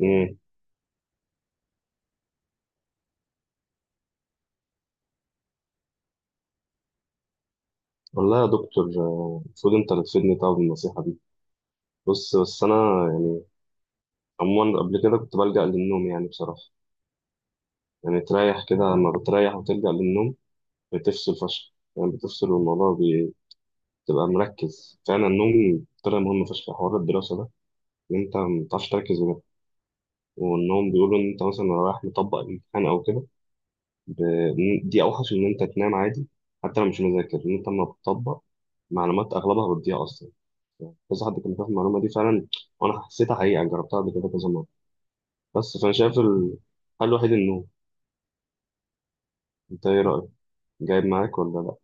امم والله يا دكتور، المفروض انت اللي تفيدني طبعا بالنصيحه دي. بص، بس انا، يعني، عموما قبل كده كنت بلجأ للنوم، يعني بصراحه. يعني تريح كده لما بتريح وتلجأ للنوم بتفصل فشخ، يعني بتفصل، والموضوع بتبقى مركز فعلا. النوم طلع مهم فشخ في حوار الدراسه ده، ان انت ما بتعرفش تركز بجد. والنوم بيقولوا ان انت مثلا لو رايح مطبق الامتحان او كده، دي اوحش من ان انت تنام عادي حتى لو مش مذاكر. ان انت لما بتطبق معلومات اغلبها بتضيع اصلا، كذا حد كان بياخد المعلومه دي فعلا، وانا حسيتها حقيقه، يعني جربتها قبل كده كذا مره. بس فانا شايف الحل الوحيد النوم. انت ايه رايك؟ جايب معاك ولا لا؟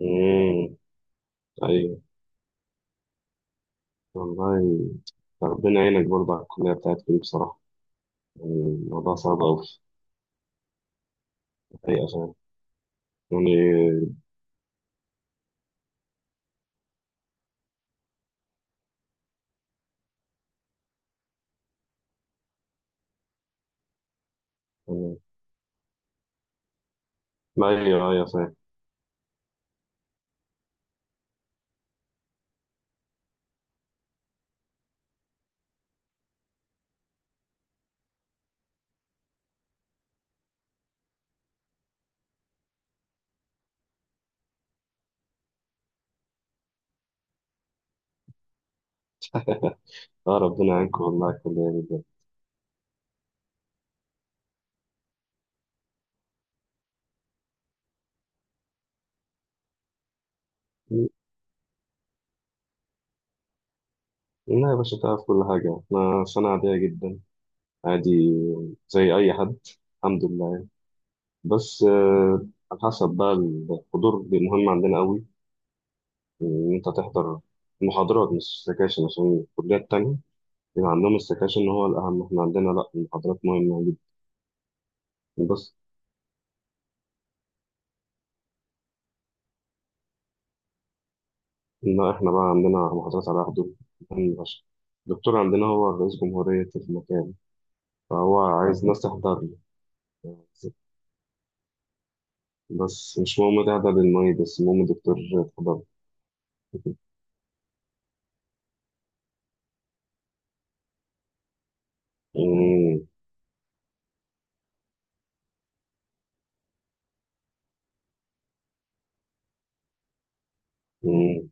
امم ايوه، والله ربنا يعينك برضه على الكليه بتاعتك دي بصراحه. يعني الموضوع صعب قوي، حقيقه فعلا، يعني. آه، ما ايوه ايوه فاهم. اه، ربنا يعينكم والله على الكليه دي بجد. لا يا باشا، تعرف كل حاجه، انا سنه عاديه جدا. عادي زي اي حد، الحمد لله. بس، على حسب بقى. الحضور مهم عندنا قوي، إن أنت تحضر محاضرات مش سكاشن، عشان الكليات التانية بيبقى عندهم السكاشن هو الأهم، إحنا عندنا لأ، المحاضرات مهمة جدا. بس إن إحنا بقى عندنا محاضرات على حضور مهم فشخ. الدكتور عندنا هو رئيس جمهورية المكان، فهو عايز ناس تحضر له. بس مش مهم تحضر المعيد، بس المهم الدكتور تحضر. مم، مم،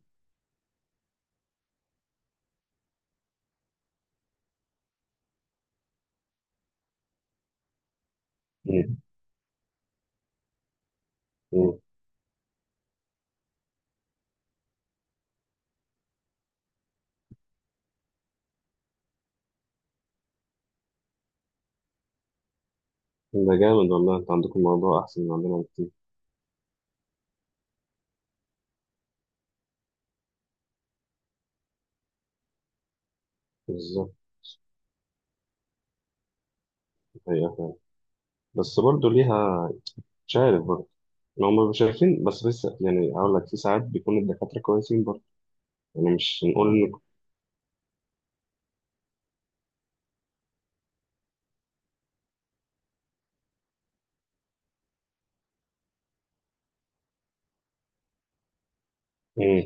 مم، مم. ده جامد والله، أنت عندكم الموضوع أحسن من عندنا بكتير. بالظبط، هي فعلا، بس برضه ليها، مش عارف برضه، لو ما شايفين بس يعني أقول لك في ساعات بيكون الدكاترة كويسين برضه. يعني مش نقول إن، مم.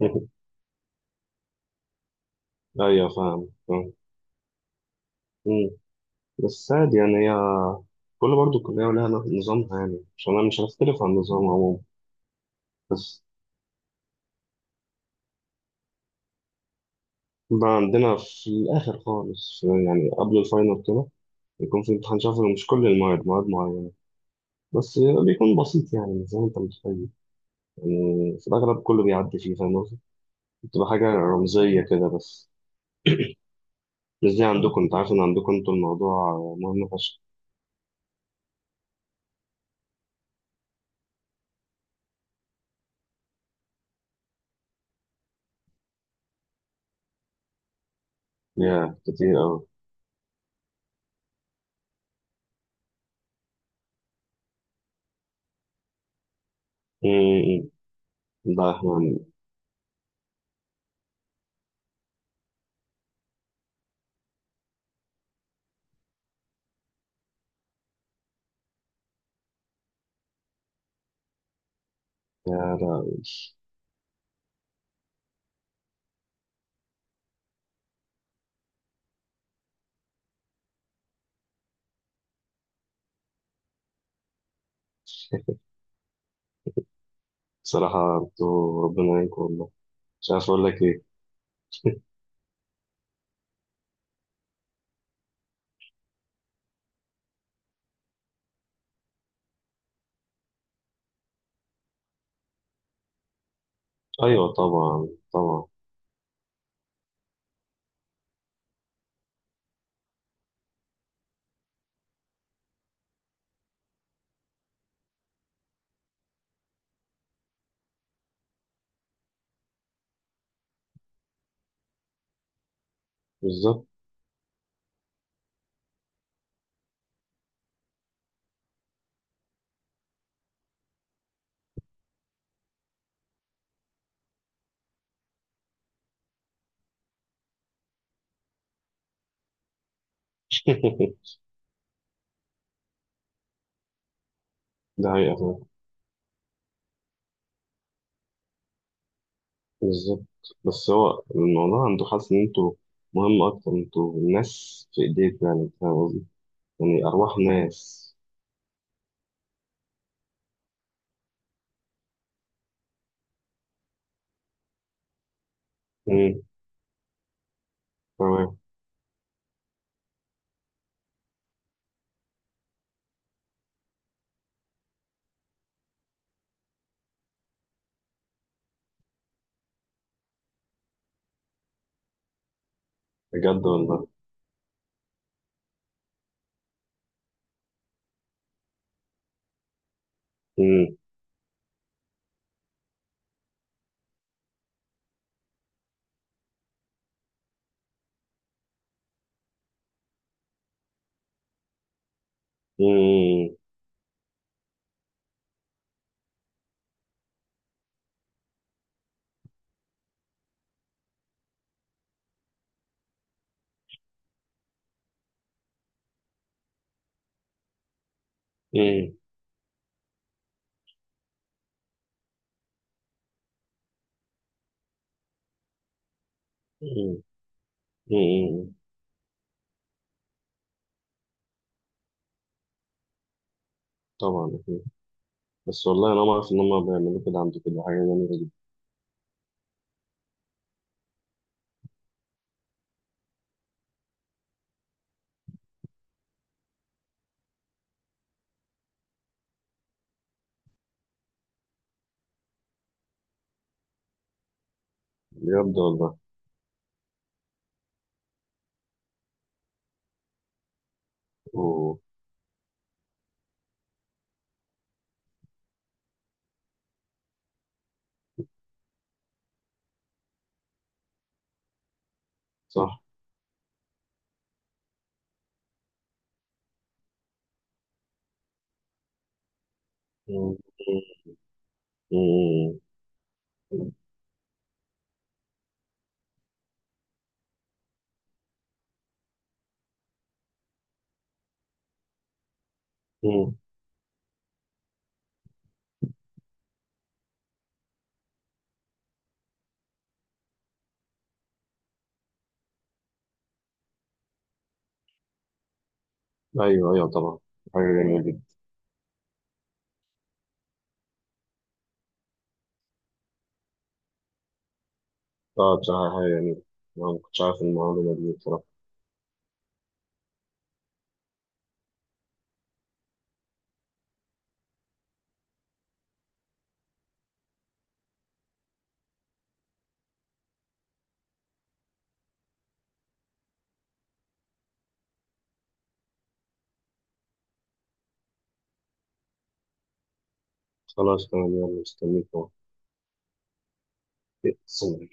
أيوه، فاهم فاهم. مم. بس عادي يعني، هي كل برضه كلية ولها نظامها، يعني عشان أنا مش هختلف عن النظام عموما. بس بقى عندنا في الآخر خالص، يعني قبل الفاينل كده بيكون في امتحان شفوي، مش كل المواد، مواد معينة بس، بيكون بسيط يعني مش زي ما أنت متخيل. يعني في الأغلب كله بيعدي فيه، فاهم. بتبقى حاجة رمزية كده بس، مش زي عندكم، أنت عارف إن عندكم أنتوا الموضوع مهم فشخ. يا كتير أوي. أمم، لا إحنا يا لا. بصراحة أنتوا ربنا يعينكم والله، مش عارف أقول لك إيه. أيوة طبعا طبعا. بالظبط. ده حقيقة فعلا. بالظبط. بس هو الموضوع عنده، حاسس إن أنتوا مهم أكتر، أنتوا الناس في إيديكم، يعني فاهم قصدي؟ يعني أرواح ناس. أمم، تمام. بجد والله. أمم، أمم، أمم، أمم. امم طبعا أكيد. بس والله انا ما اعرف ان هم بيعملوا كده، عندي كده حاجه جميله. بجد والله. أوه. صح. مم. مم. مم. ايوه ايوه طبعا. حاجه جميله جدا. اه بصراحه حاجه جميله. أنا ما كنتش عارف المعلومه دي بصراحه. خلاص تمام، يلا مستنيك. أهو.